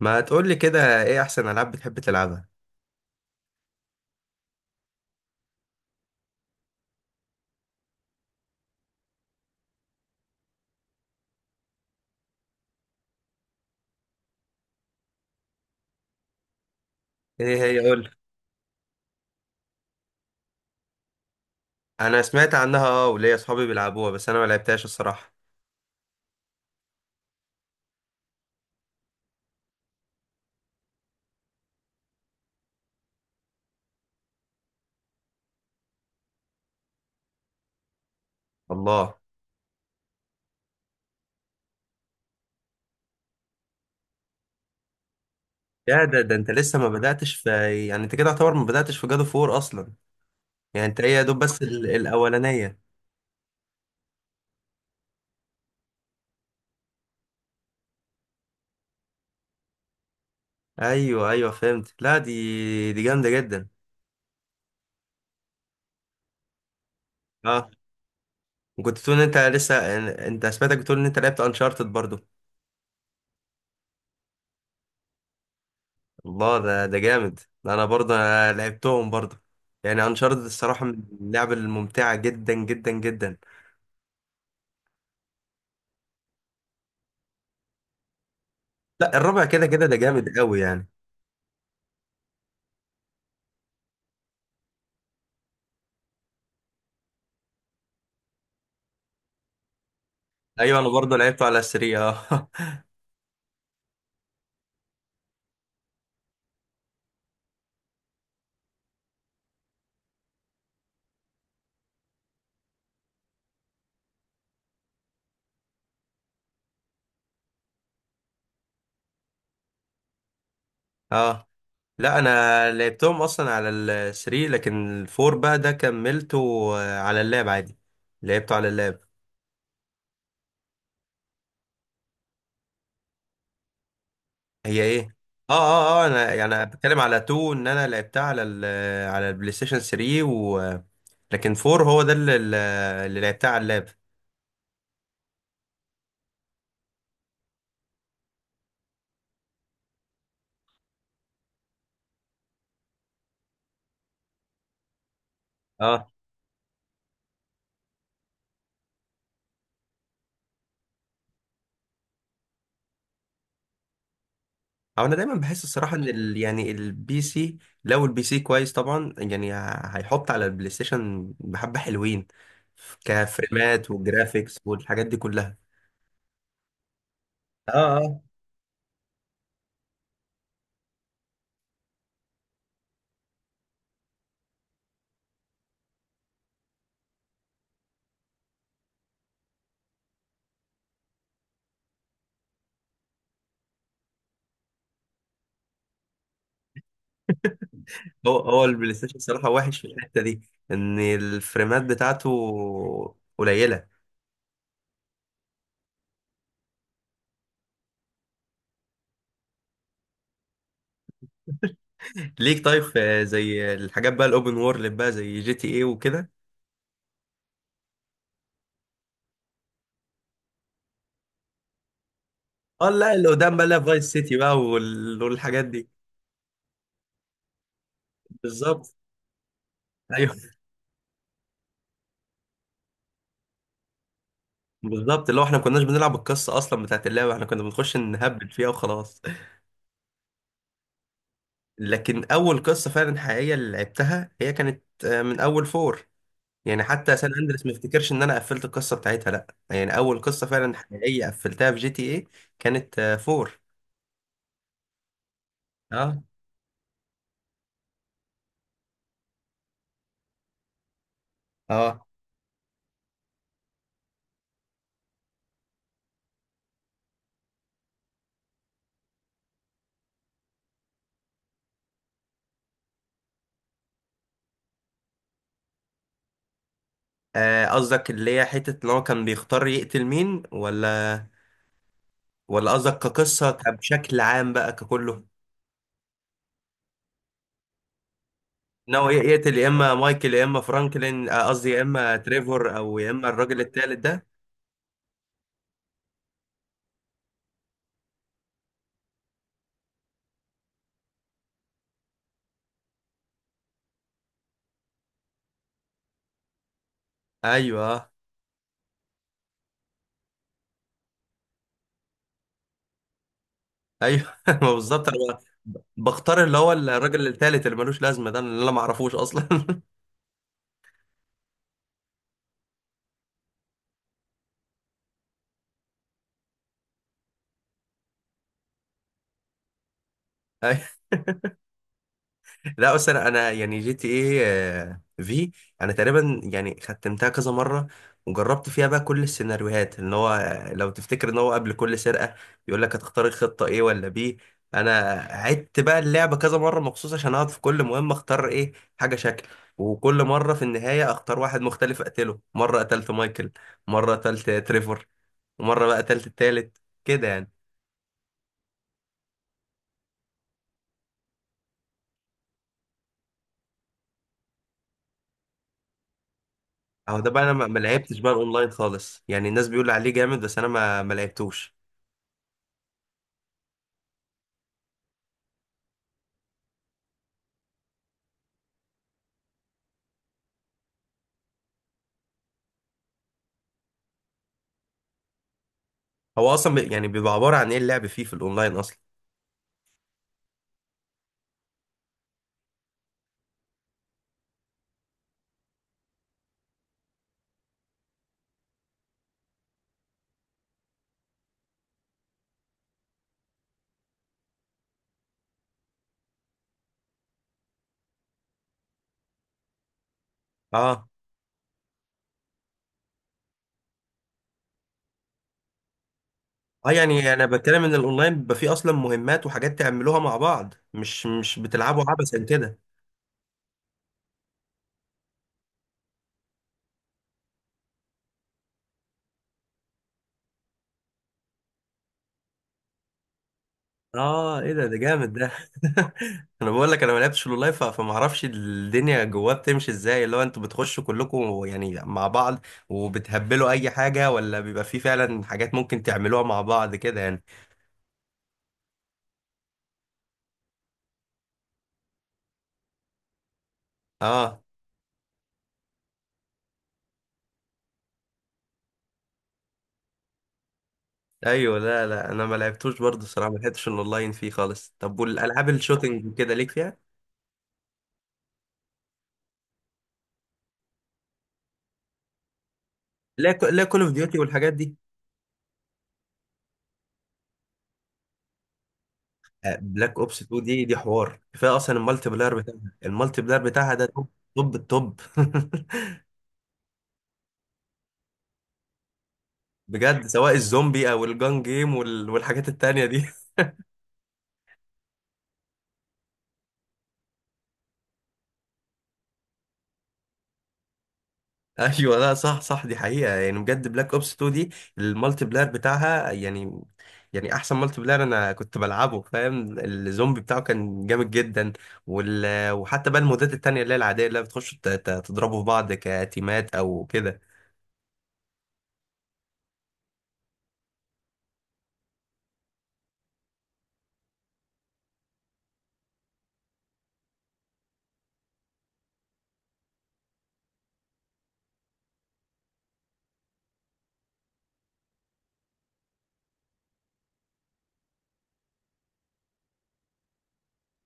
ما تقول لي كده ايه احسن العاب بتحب تلعبها؟ ايه هي قول لي. انا سمعت عنها اه، وليا اصحابي بيلعبوها بس انا ما لعبتهاش الصراحه. الله، يا ده انت لسه ما بداتش في. يعني انت كده يعتبر ما بداتش في جادو فور اصلا. يعني انت هي يا دوب بس الاولانيه. ايوه ايوه، فهمت. لا دي جامده جدا. اه، وكنت بتقول ان انت لسه. انت سمعتك بتقول ان انت لعبت انشارتد برضو. الله، ده جامد ده. انا برضو أنا لعبتهم برضو. يعني انشارتد الصراحه من اللعب الممتعه جدا جدا جدا. لا الرابع كده كده ده جامد قوي يعني. ايوه انا برضه لعبته على 3 اه. اه، لا انا لعبتهم اصلا على ال 3، لكن الفور بقى ده كملته. على اللاب عادي. لعبته على اللاب. هي ايه؟ اه اه اه، انا يعني بتكلم على 2 ان انا لعبتها على على البلاي ستيشن 3، و لكن 4 هو ده اللي لعبتها على اللاب. اه. او انا دايما بحس الصراحه ان يعني البي سي. لو البي سي كويس طبعا يعني هيحط على البلاي ستيشن بحبه حلوين كفريمات والجرافيكس والحاجات دي كلها. اه اه، هو البلاي ستيشن صراحه وحش في الحته دي. ان الفريمات بتاعته قليله. ليك طيب في زي الحاجات بقى الاوبن وورلد بقى زي جي تي اي وكده. اه لا، اللي قدام بقى لا فايس سيتي بقى والحاجات دي. بالظبط. أيوه. بالظبط، اللي هو احنا ما كناش بنلعب القصه اصلا بتاعت اللعبه، احنا كنا بنخش نهبل فيها وخلاص. لكن اول قصه فعلا حقيقيه اللي لعبتها هي كانت من اول فور. يعني حتى سان اندريس ما افتكرش ان انا قفلت القصه بتاعتها، لا يعني اول قصه فعلا حقيقيه قفلتها في جي تي ايه كانت فور. اه اه. قصدك اللي هي حته ان هو كان بيختار يقتل مين، ولا ولا قصدك كقصه بشكل عام بقى ككله؟ ناوي يقتل يا اما مايكل يا اما فرانكلين. قصدي يا اما تريفور او يا اما الراجل التالت ده. ايوه ايوه. ما بالظبط انا بختار اللي هو الراجل التالت اللي ملوش لازمه ده، اللي انا ما اعرفوش اصلا. لا اصل انا يعني جي تي ايه في. انا تقريبا يعني ختمتها كذا مره، وجربت فيها بقى كل السيناريوهات ان هو لو تفتكر ان هو قبل كل سرقه يقول لك هتختار الخطه ايه ولا بي. انا عدت بقى اللعبه كذا مره مخصوص عشان اقعد في كل مهمه اختار ايه حاجه شكل. وكل مره في النهايه اختار واحد مختلف اقتله. مره قتلت مايكل، مره قتلت تريفور، ومره بقى قتلت التالت كده يعني. اهو ده بقى انا ما لعبتش بقى الاونلاين خالص. يعني الناس بيقول عليه جامد، بس انا ما لعبتوش. هو اصلا يعني بيبقى عباره عن ايه اللعب فيه في الاونلاين اصلا؟ اه اه، يعني انا بتكلم ان الاونلاين بيبقى فيه اصلا مهمات وحاجات تعملوها مع بعض، مش بتلعبوا عبثا كده. اه، ايه ده جامد. ده انا بقول لك انا ما لعبتش الاونلاين فما اعرفش الدنيا جواه بتمشي ازاي. اللي هو انتوا بتخشوا كلكم يعني مع بعض وبتهبلوا اي حاجه، ولا بيبقى فيه فعلا حاجات ممكن تعملوها مع بعض كده يعني؟ اه ايوه. لا لا انا ما لعبتوش برضه الصراحه، ما لعبتش الاونلاين فيه خالص. طب والالعاب الشوتينج كده ليك فيها؟ لا لا كول اوف ديوتي والحاجات دي. بلاك اوبس 2 دي حوار كفايه اصلا. المالتي بلاير بتاعها ده توب. توب التوب. بجد، سواء الزومبي او الجان جيم والحاجات التانية دي. ايوه، لا صح صح، دي حقيقه. يعني بجد بلاك اوبس 2 دي المالتي بلاير بتاعها يعني يعني احسن مالتي بلاير انا كنت بلعبه، فاهم؟ الزومبي بتاعه كان جامد جدا. وحتى بقى المودات التانية اللي هي العاديه اللي بتخش تضربوا في بعض كتيمات او كده.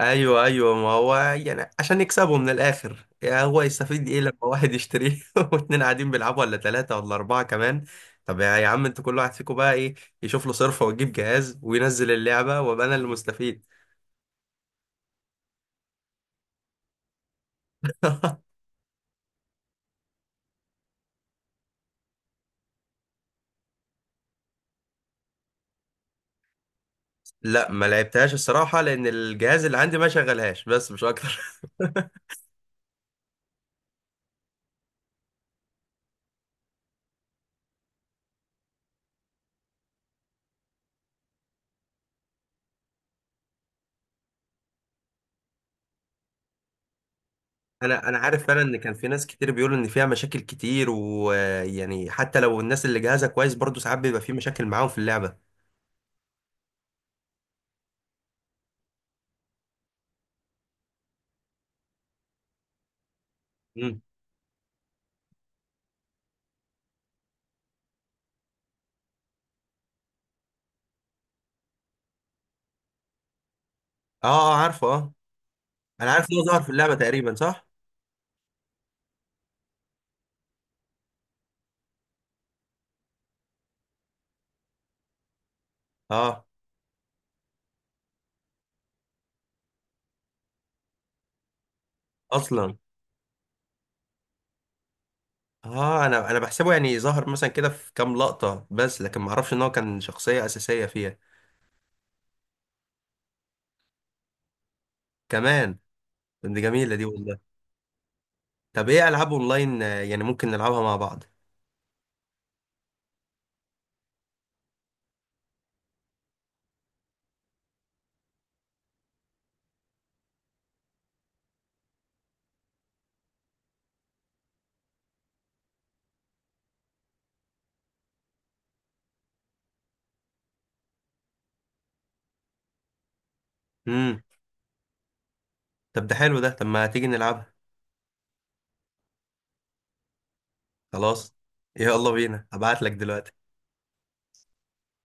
ايوه ايوه، ما هو يعني عشان يكسبوا من الاخر. يا هو يستفيد ايه لما واحد يشتريه واتنين قاعدين بيلعبوا، ولا 3 ولا 4 كمان. طب يا عم، انتوا كل واحد فيكم بقى ايه يشوف له صرفة ويجيب جهاز وينزل اللعبة وابقى انا اللي مستفيد. لا ما لعبتهاش الصراحة، لان الجهاز اللي عندي ما شغلهاش، بس مش اكتر. انا عارف فعلا ان كان في ناس كتير بيقولوا ان فيها مشاكل كتير، ويعني حتى لو الناس اللي جهازها كويس برضه ساعات بيبقى في مشاكل معاهم في اللعبة. امم، اه اه، عارفه اه. انا عارف ان هو ظهر في اللعبة تقريبا صح؟ اه اصلا. اه، انا بحسبه يعني ظهر مثلا كده في كام لقطة بس، لكن ما اعرفش ان هو كان شخصية اساسية فيها. كمان؟ طب دي جميلة دي والله. طب ايه العاب اونلاين يعني ممكن نلعبها مع بعض؟ امم. طب ده حلو ده. طب ما تيجي نلعبها. خلاص. يلا بينا، هبعت لك دلوقتي.